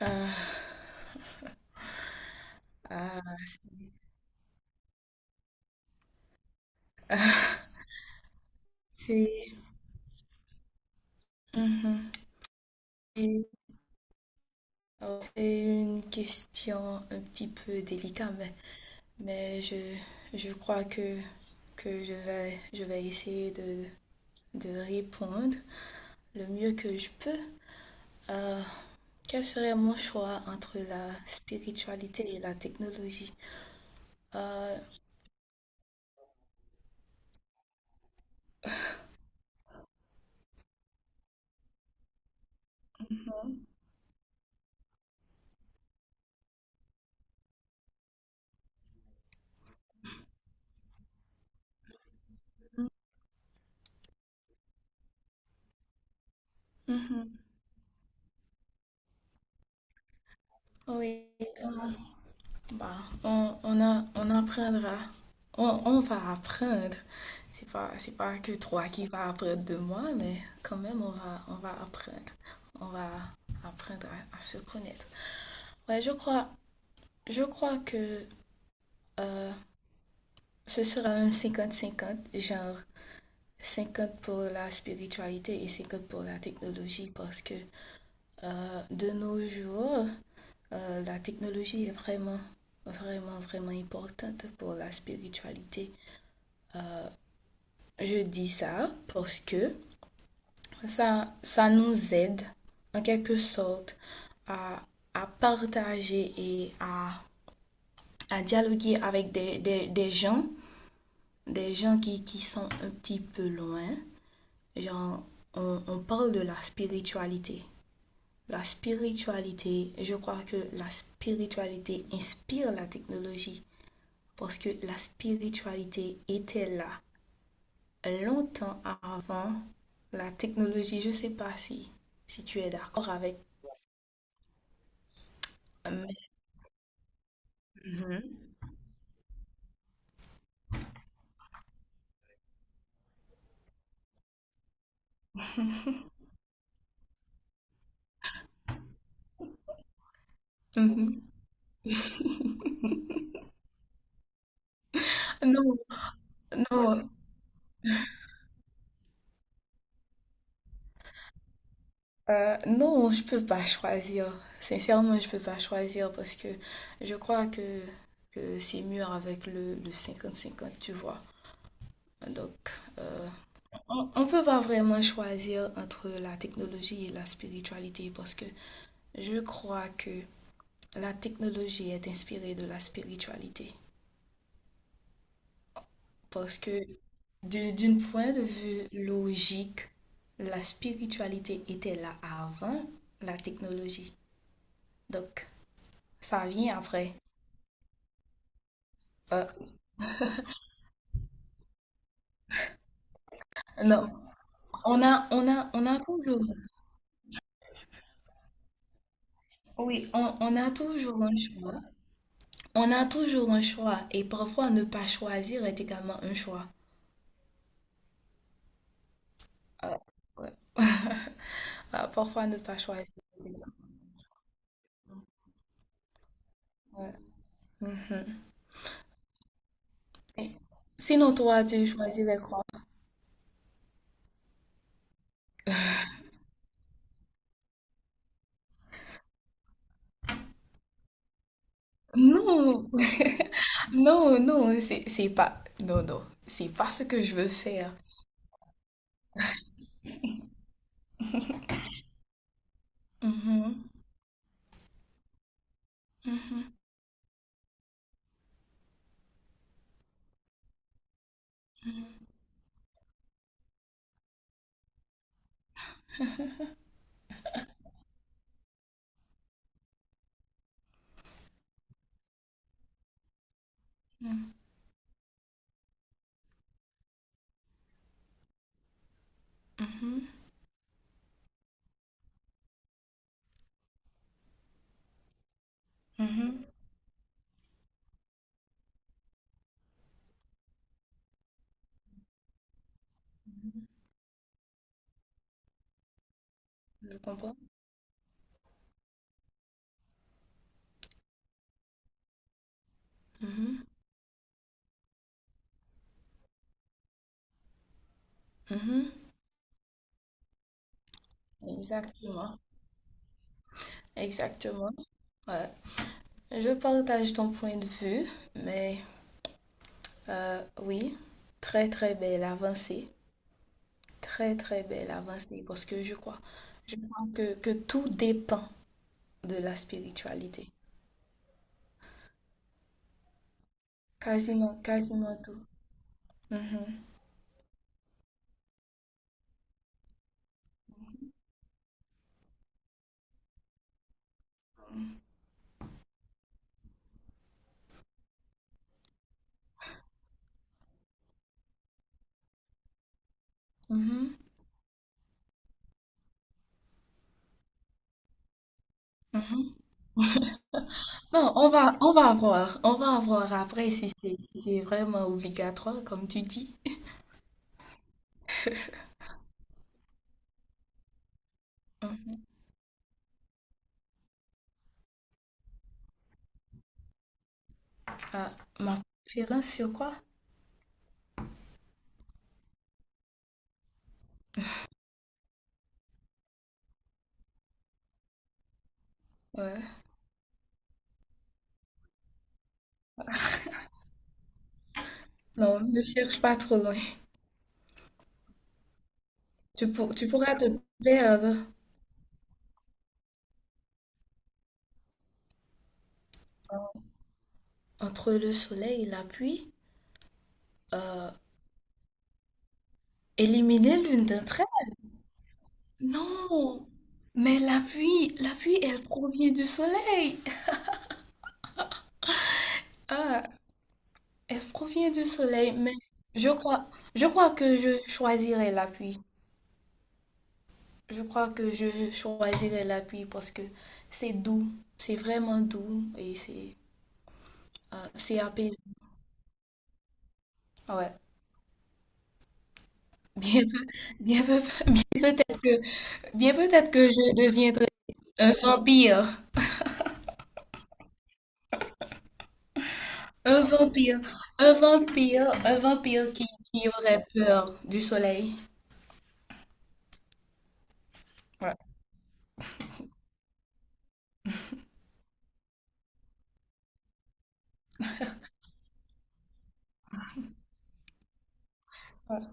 Ah, ah. c'est Mhm. C'est Oh, c'est une question un petit peu délicate, mais je, je crois que je vais essayer de répondre le mieux que je peux. Euh, Quel serait mon choix entre la spiritualité et la technologie? Euh, mhm. Oui. euh, Bah, on apprendra. On va apprendre. C'est pas que toi qui vas apprendre de moi, mais quand même, on va apprendre. On va apprendre à se connaître. Ouais, je crois que euh, ce sera un 50-50 genre 50 pour la spiritualité et 50 pour la technologie, parce que de nos jours, la technologie est vraiment, vraiment, vraiment importante pour la spiritualité. Je dis ça parce que ça nous aide en quelque sorte à, à partager et à dialoguer avec des gens qui sont un petit peu loin. Genre, on parle de la spiritualité. La spiritualité, je crois que la spiritualité inspire la technologie parce que la spiritualité était là longtemps avant la technologie. Je ne sais pas si tu es d'accord avec. mais- Mhm. Non, non, non, je peux pas choisir. Sincèrement, je peux pas choisir parce que je crois que c'est mieux avec le 50-50 tu vois. Donc, euh, on peut pas vraiment choisir entre la technologie et la spiritualité parce que je crois que la technologie est inspirée de la spiritualité. Parce que d'un point de vue logique, la spiritualité était là avant la technologie. Donc, ça vient après. Euh, non, on a toujours, oui, on a toujours un choix. On a toujours un choix et parfois ne pas choisir est également un choix. Euh, ouais. Ah, parfois ne pas choisir. Ouais. Et Sinon, toi, tu choisirais quoi? Non, non, non, c'est pas, non, non, c'est pas ce que je veux faire. Mhm, mhm, mhm, mhm. Je comprends. Mhm, mhm. Exactement, exactement. Ouais. Je partage ton point de vue, mais oui, très très belle avancée, très très belle avancée, parce que je crois que tout dépend de la spiritualité. Quasiment, quasiment tout. Mhm, mhm, mhm. Non, on va voir. On va voir après si c'est vraiment obligatoire, comme tu dis. Hum, ah, ma préférence sur quoi? Ouais. Non, ne cherche pas trop loin. Tu pourras te perdre entre le soleil et la pluie. Euh, Éliminer l'une d'entre elles? Non! Mais la pluie, elle provient du soleil. Ah, elle provient du soleil, mais je crois, je crois que je choisirais la pluie. Je crois que je choisirais l'appui parce que c'est doux, c'est vraiment doux et c'est apaisant. Ouais. Bien, peu- bien, peu- bien peut-être que, bien peut-être que je deviendrai un vampire, un vampire, un vampire qui aurait peur du soleil. Ouais. Ouais.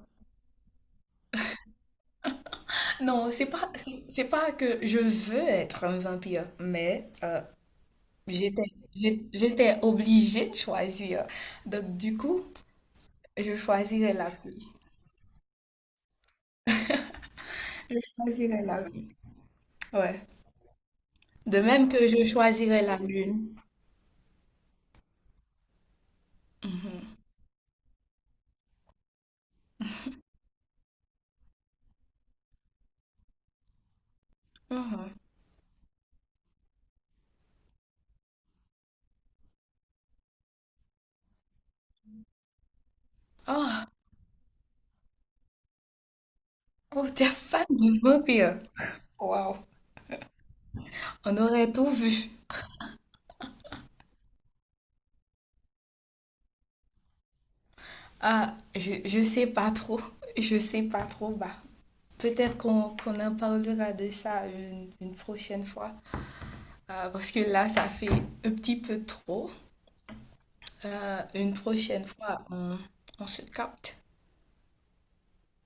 Non, c'est pas que je veux être un vampire, mais j'étais, j'étais obligée de choisir. Donc du coup. Je choisirais la pluie. Je choisirais la pluie. Ouais. De même que je choisirais la lune. Mhm. Oh, oh, t'es fan du vampire. Waouh. On aurait tout vu. Ah, je sais pas trop. Je sais pas trop. Bah, peut-être qu'on en parlera de ça une prochaine fois. Parce que là, ça fait un petit peu trop. Une prochaine fois, on se capte.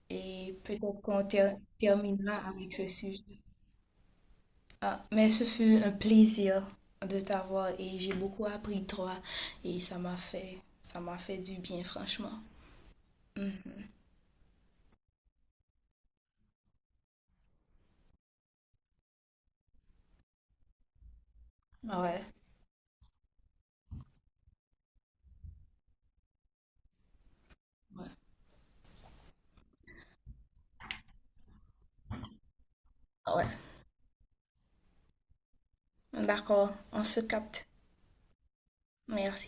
Et peut-être qu'on terminera avec ce sujet. Ah, mais ce fut un plaisir de t'avoir et j'ai beaucoup appris de toi et ça m'a fait du bien franchement. Mhm. Ouais, ouais, ouais. D'accord, on se capte. Merci.